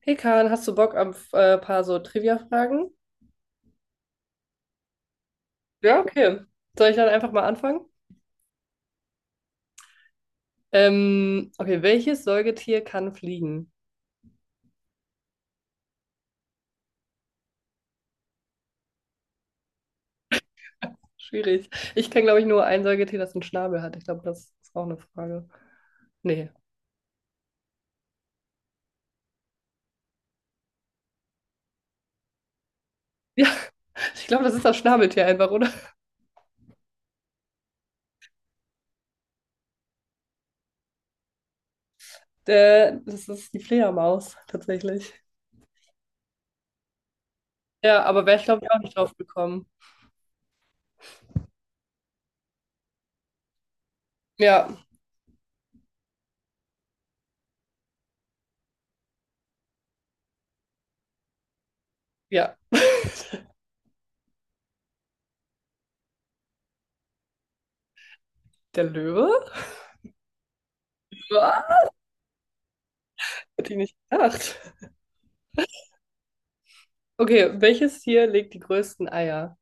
Hey Kahn, hast du Bock auf paar so Trivia-Fragen? Ja, okay. Soll ich dann einfach mal anfangen? Okay, welches Säugetier kann fliegen? Schwierig. Ich kenne, glaube ich, nur ein Säugetier, das einen Schnabel hat. Ich glaube, das ist auch eine Frage. Nee. Ja, ich glaube, das ist das Schnabeltier einfach, oder? Der, das ist die Fledermaus, tatsächlich. Ja, aber wäre ich, glaube ich, auch nicht drauf gekommen. Ja, ja. Der Löwe? Ja, hätte ich nicht gedacht. Okay, welches Tier legt die größten Eier?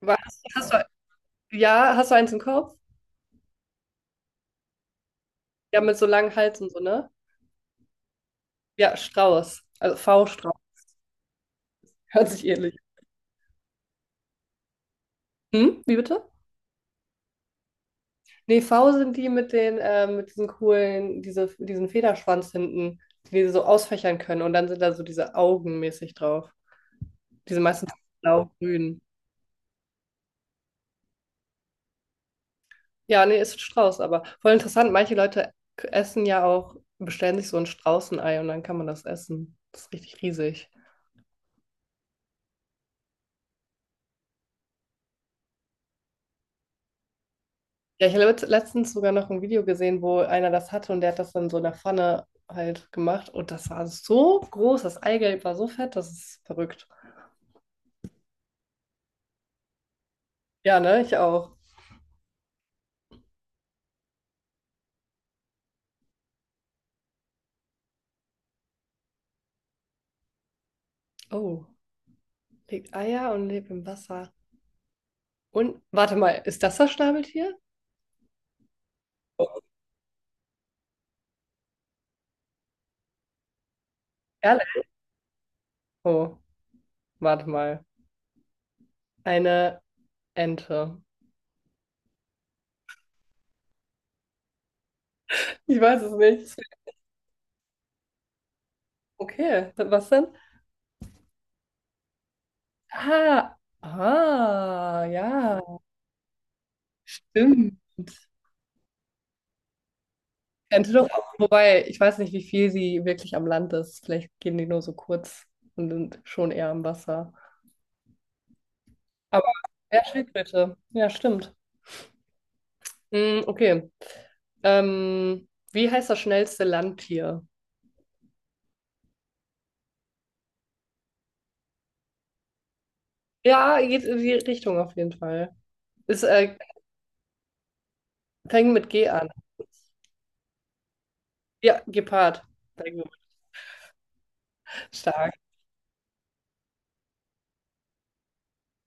Was, hast du, ja, hast du eins im Kopf? Ja, mit so langem Hals und so, ne? Ja, Strauß. Also V-Strauß. Hört sich ähnlich. Hm? Wie bitte? Nee, V sind die mit den, mit diesen coolen, diesen Federschwanz hinten, die so ausfächern können. Und dann sind da so diese Augen mäßig drauf. Die sind meistens blau-grün. Ja, nee, ist ein Strauß, aber voll interessant. Manche Leute essen ja auch, bestellen sich so ein Straußenei und dann kann man das essen. Das ist richtig riesig. Ja, ich habe letztens sogar noch ein Video gesehen, wo einer das hatte und der hat das dann so in der Pfanne halt gemacht. Und das war so groß, das Eigelb war so fett, das ist verrückt. Ja, ne, ich auch. Oh, legt Eier und lebt im Wasser. Und, warte mal, ist das das Schnabeltier? Ehrlich? Oh, warte mal. Eine Ente. Ich weiß es nicht. Okay, was denn? Ah, ah, ja, stimmt. Antelope, wobei ich weiß nicht, wie viel sie wirklich am Land ist. Vielleicht gehen die nur so kurz und sind schon eher am Wasser. Aber ja, Schildkröte. Ja, stimmt. Hm, okay. Wie heißt das schnellste Landtier? Ja, geht in die Richtung auf jeden Fall. Es fängt mit G an. Ja, Gepard. Sehr gut. Stark.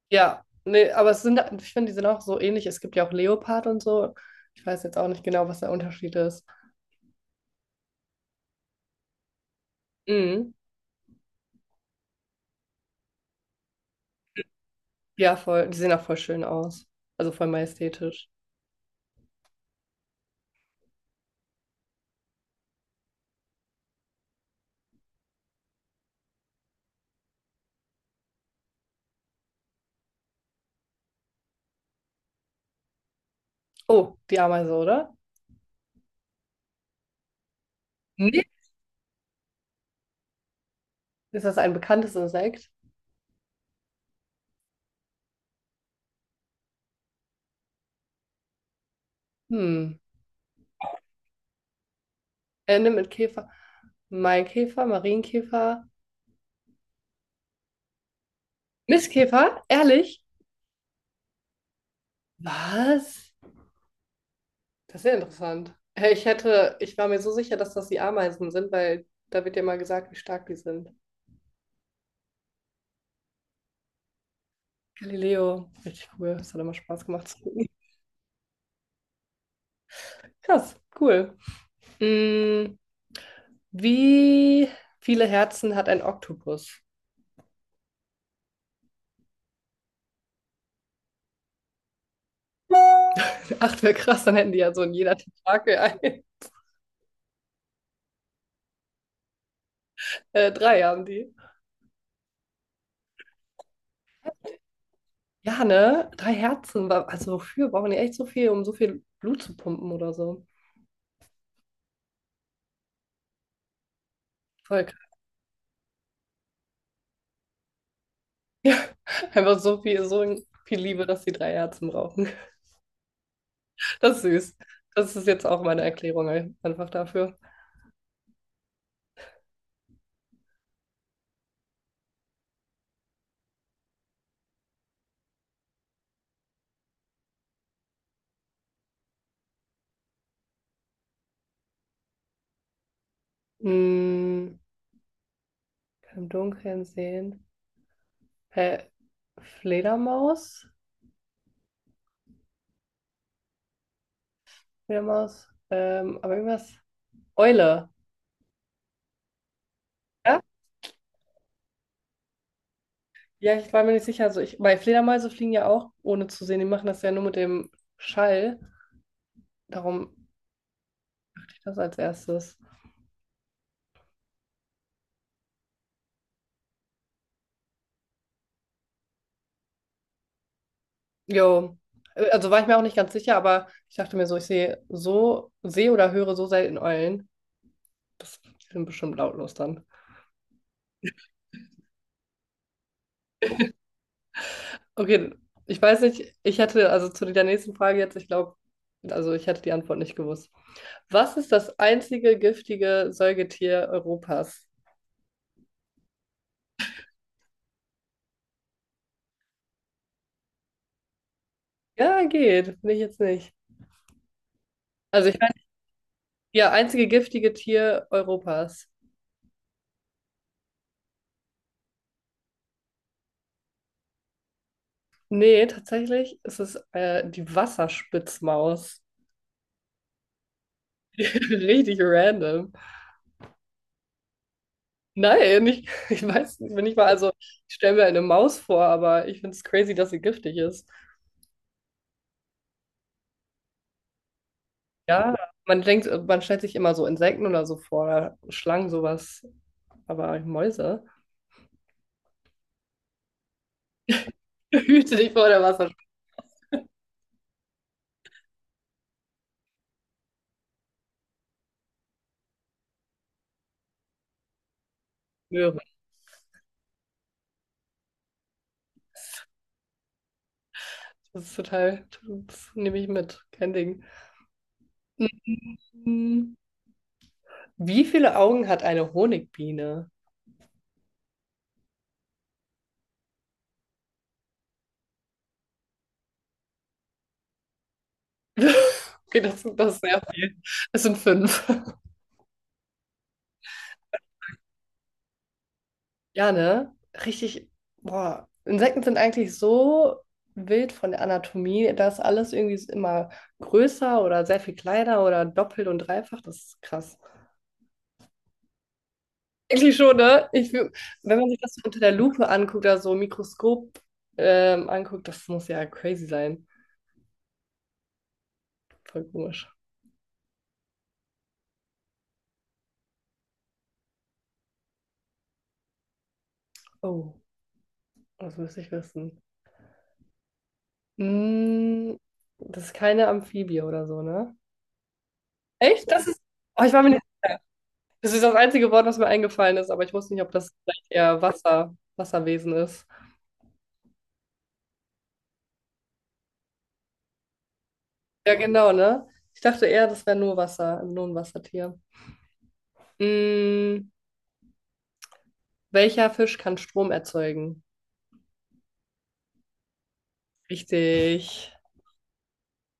Ja, nee, aber es sind, ich finde, die sind auch so ähnlich. Es gibt ja auch Leopard und so. Ich weiß jetzt auch nicht genau, was der Unterschied ist. Mhm. Ja, voll. Die sehen auch voll schön aus. Also voll majestätisch. Oh, die Ameise, oder? Nee. Ist das ein bekanntes Insekt? Hm. Ende mit Käfer. Maikäfer, Marienkäfer. Mistkäfer? Ehrlich? Was? Das ist sehr interessant. Hey, ich hätte, ich war mir so sicher, dass das die Ameisen sind, weil da wird ja mal gesagt, wie stark die sind. Galileo. Richtig cool. Das hat immer Spaß gemacht zu gucken. Krass, cool. Hm, wie viele Herzen hat ein Oktopus? Ach, wäre krass, dann hätten die ja so in jeder Tentakel ein. 3 haben die. Ja, ne? 3 Herzen. Also wofür brauchen die echt so viel, um so viel Blut zu pumpen oder so? Voll krass. Ja, einfach so viel Liebe, dass die 3 Herzen brauchen. Das ist süß. Das ist jetzt auch meine Erklärung einfach dafür. Mm, kann im Dunkeln sehen. Hä? Fledermaus? Fledermaus? Aber irgendwas. Eule. Ja? Ja, ich war mir nicht sicher. Also ich, weil Fledermäuse fliegen ja auch ohne zu sehen. Die machen das ja nur mit dem Schall. Darum ich das als erstes. Jo. Also war ich mir auch nicht ganz sicher, aber ich dachte mir so, ich sehe so, sehe oder höre so selten Eulen. Das sind bestimmt lautlos dann. Okay, ich weiß nicht, ich hätte also zu der nächsten Frage jetzt, ich glaube, also ich hätte die Antwort nicht gewusst. Was ist das einzige giftige Säugetier Europas? Ja, geht. Nicht jetzt nicht. Also ich meine, ja, einzige giftige Tier Europas. Nee, tatsächlich ist es die Wasserspitzmaus. Richtig random. Nein, ich weiß nicht, wenn ich mal, also ich stelle mir eine Maus vor, aber ich finde es crazy, dass sie giftig ist. Ja, man denkt, man stellt sich immer so Insekten oder so vor, Schlangen, sowas, aber Mäuse. Hüte dich vor der Wasserspitzmaus. Das ist total, das nehme ich mit, kein Ding. Mhm. Wie viele Augen hat eine Honigbiene? Okay, das ist sehr viel. Es sind 5. Ja, ne? Richtig. Boah. Insekten sind eigentlich so wild von der Anatomie, dass alles irgendwie immer größer oder sehr viel kleiner oder doppelt und dreifach. Das ist krass. Eigentlich schon, ne? Wenn man sich das so unter der Lupe anguckt, also so Mikroskop anguckt, das muss ja crazy sein. Voll komisch. Oh, das müsste ich wissen. Mm, das ist keine Amphibie oder so, ne? Echt? Das ist. Oh, ich war mir nicht sicher. Das ist das einzige Wort, was mir eingefallen ist, aber ich wusste nicht, ob das vielleicht eher Wasser, Wasserwesen ist. Ja, genau, ne? Ich dachte eher, das wäre nur Wasser, nur ein Wassertier. Mm, welcher Fisch kann Strom erzeugen? Richtig.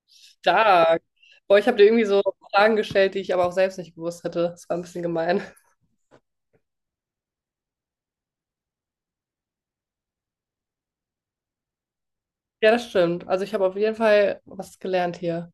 Stark. Boah, ich habe dir irgendwie so Fragen gestellt, die ich aber auch selbst nicht gewusst hätte. Das war ein bisschen gemein. Ja, das stimmt. Also ich habe auf jeden Fall was gelernt hier.